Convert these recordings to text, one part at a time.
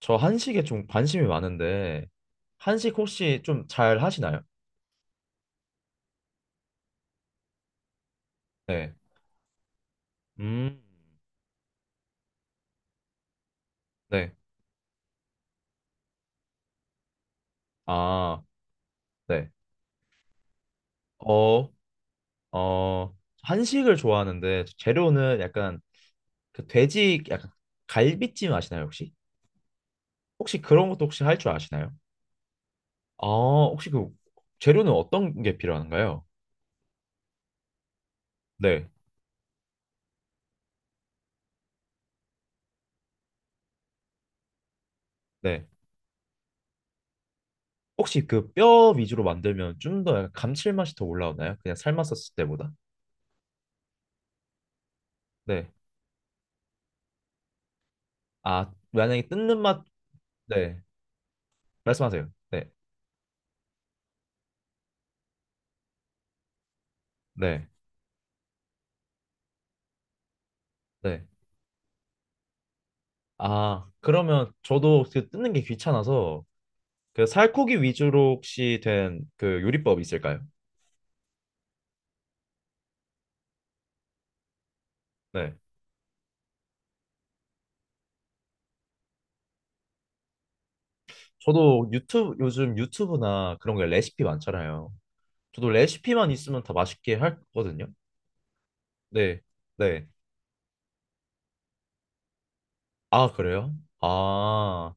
저 한식에 좀 관심이 많은데 한식 혹시 좀 잘 하시나요? 네. 음. 네. 아, 네. 어, 어, 한식을 좋아하는데 재료는 약간 그 돼지 약간 갈비찜 아시나요, 혹시? 혹시 그런 것도 혹시 할 줄 아시나요? 아, 혹시 그 재료는 어떤 게 필요한가요? 네. 네. 혹시 그 뼈 위주로 만들면 좀 더 감칠맛이 더 올라오나요? 그냥 삶았었을 때보다? 네. 아, 만약에 뜯는 맛, 네. 말씀하세요. 네, 네, 네. 아, 그러면 저도 그 뜯는 게 귀찮아서 그 살코기 위주로 혹시 된 그 요리법 있을까요? 네. 저도 유튜브, 요즘 유튜브나 그런 게 레시피 많잖아요. 저도 레시피만 있으면 다 맛있게 할 거거든요. 네, 네. 아, 그래요? 아,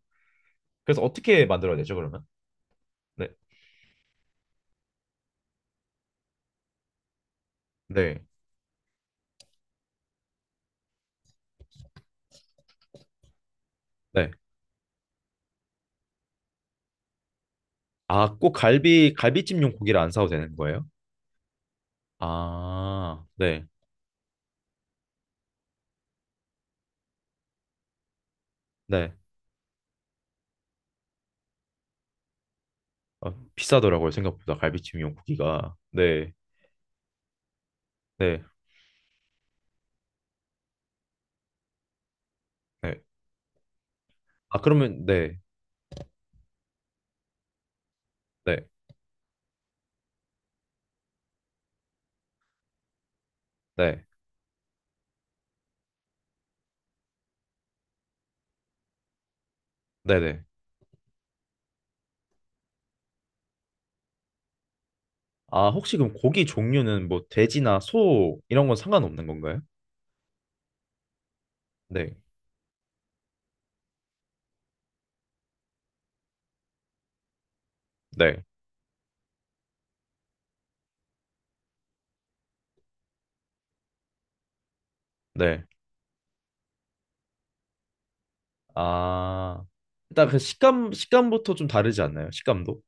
그래서 어떻게 만들어야 되죠, 그러면? 네, 네, 네. 아, 꼭 갈비, 갈비찜용 고기를 안 사도 되는 거예요? 아, 네, 네. 아, 비싸더라고요 생각보다 갈비찜 용고기가. 네, 네, 네. 아, 그러면 네, 네, 네, 네, 네. 아, 혹시 그럼 고기 종류는 뭐 돼지나 소 이런 건 상관없는 건가요? 네, 네, 네. 아, 일단 그 식감 식감부터 좀 다르지 않나요? 식감도.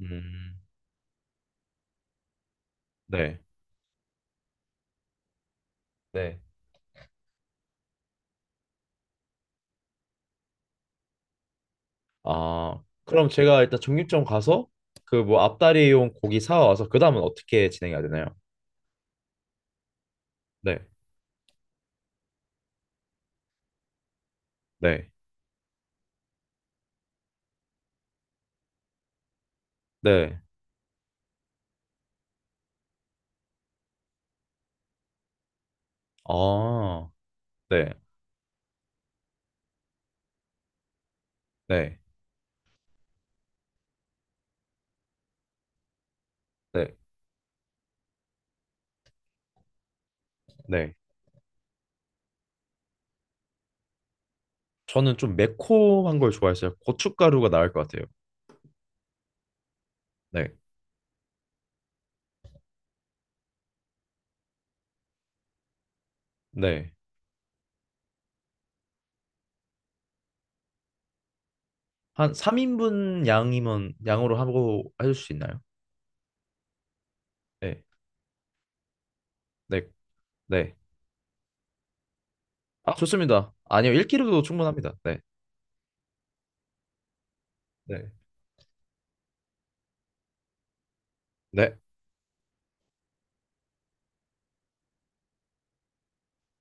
음, 네, 네. 아, 그럼 제가 일단 정육점 가서 그 뭐 앞다리용 고기 사와서 그 다음은 어떻게 진행해야 되나요? 네네네아네네 네. 네. 저는 좀 매콤한 걸 좋아했어요. 고춧가루가 나을 것 같아요. 네. 네. 한 3인분 양이면 양으로 하고 해줄 수 있나요? 네. 네. 네. 아, 좋습니다. 아니요. 1kg도 충분합니다. 네. 네. 네.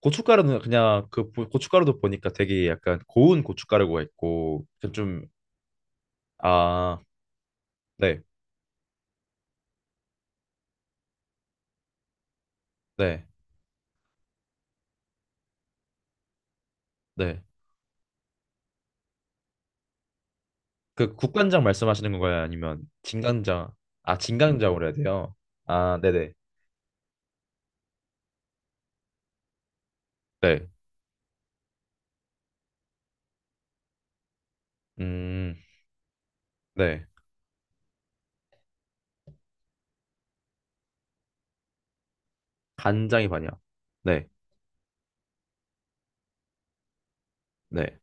고춧가루는 그냥 그 고춧가루도 보니까 되게 약간 고운 고춧가루가 있고 그 좀. 아, 네. 네. 네. 그 국간장 말씀하시는 건가요? 아니면 진간장? 아, 진간장으로 해야 돼요. 아, 네네. 네. 음. 네. 간장이 반이야. 네, 네.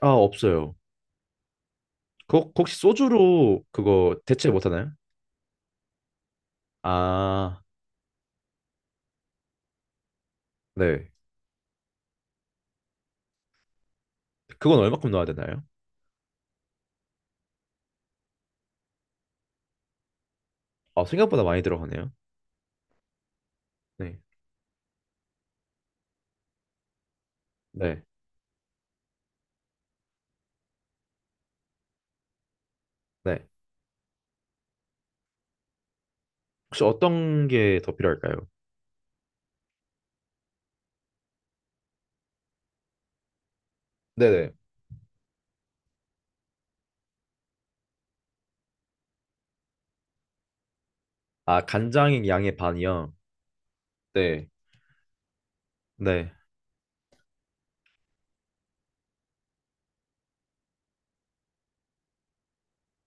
아, 없어요. 그, 혹시 소주로 그거 대체 못하나요? 아, 네. 그건 얼마큼 넣어야 되나요? 아, 생각보다 많이 들어가네요. 네, 네, 네. 혹시 어떤 게 더 필요할까요? 네네. 아, 간장의 양의 반이요. 네, 네,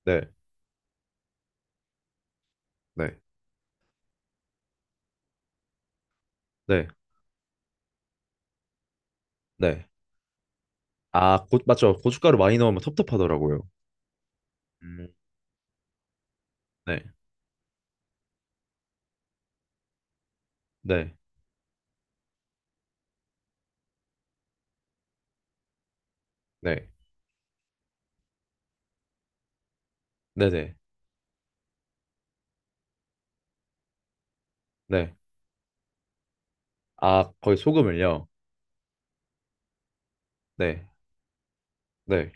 네, 네, 네, 네. 아, 고, 맞죠. 고춧가루 많이 넣으면 텁텁하더라고요. 음, 네, 네, 네, 네, 네, 네. 아, 거의 소금을요. 네, 네,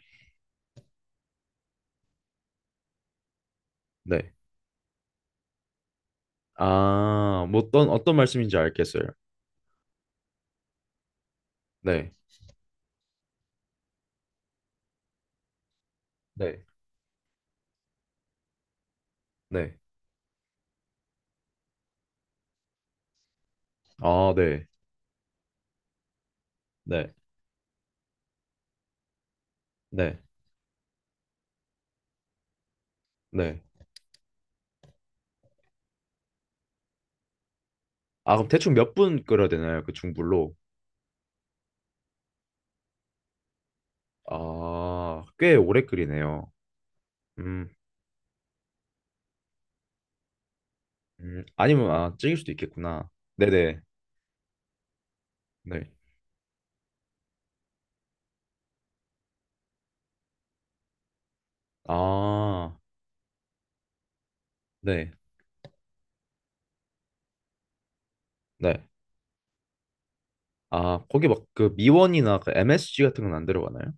네. 아, 어떤 어떤 말씀인지 알겠어요. 네, 네. 네. 아, 네, 네, 네, 네. 아, 그럼 대충 몇 분 끓여야 되나요? 그 중불로? 아, 꽤 오래 끓이네요. 음, 아니면 아, 찌길 수도 있겠구나. 네, 네, 네. 아, 네, 네. 아, 거기 막 그 미원이나 그 MSG 같은 건 안 들어가나요?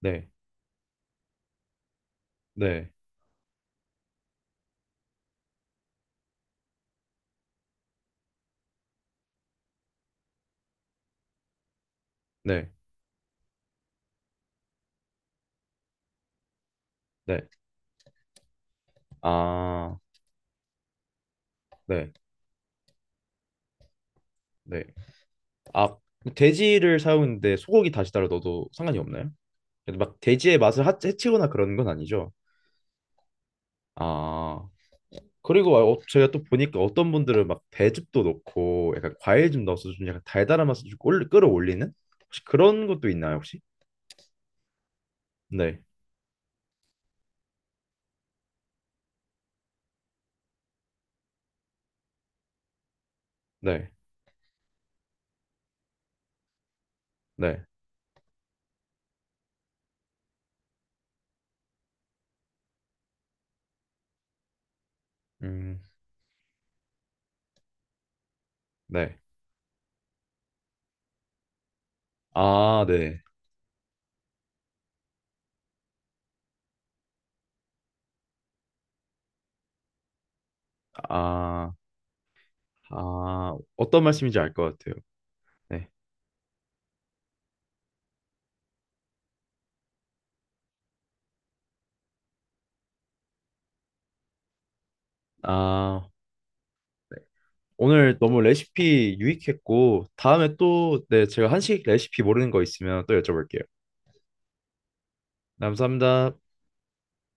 네, 네, 네, 네. 아, 네, 네. 아, 돼지를 사용했는데 소고기 다시 따로 넣어도 상관이 없나요? 그래도 막 돼지의 맛을 해치거나 그런 건 아니죠. 아, 그리고 어, 제가 또 보니까 어떤 분들은 막 배즙도 넣고 약간 과일 좀 넣어서 좀 약간 달달한 맛을 좀 끌어올리는. 혹시 그런 것도 있나요 혹시? 네, 네, 네, 음, 네. 아, 네. 아, 아 어떤 말씀인지 알 것 같아요. 네. 아, 네. 오늘 너무 레시피 유익했고 다음에 또 네, 제가 한식 레시피 모르는 거 있으면 또 여쭤볼게요. 감사합니다.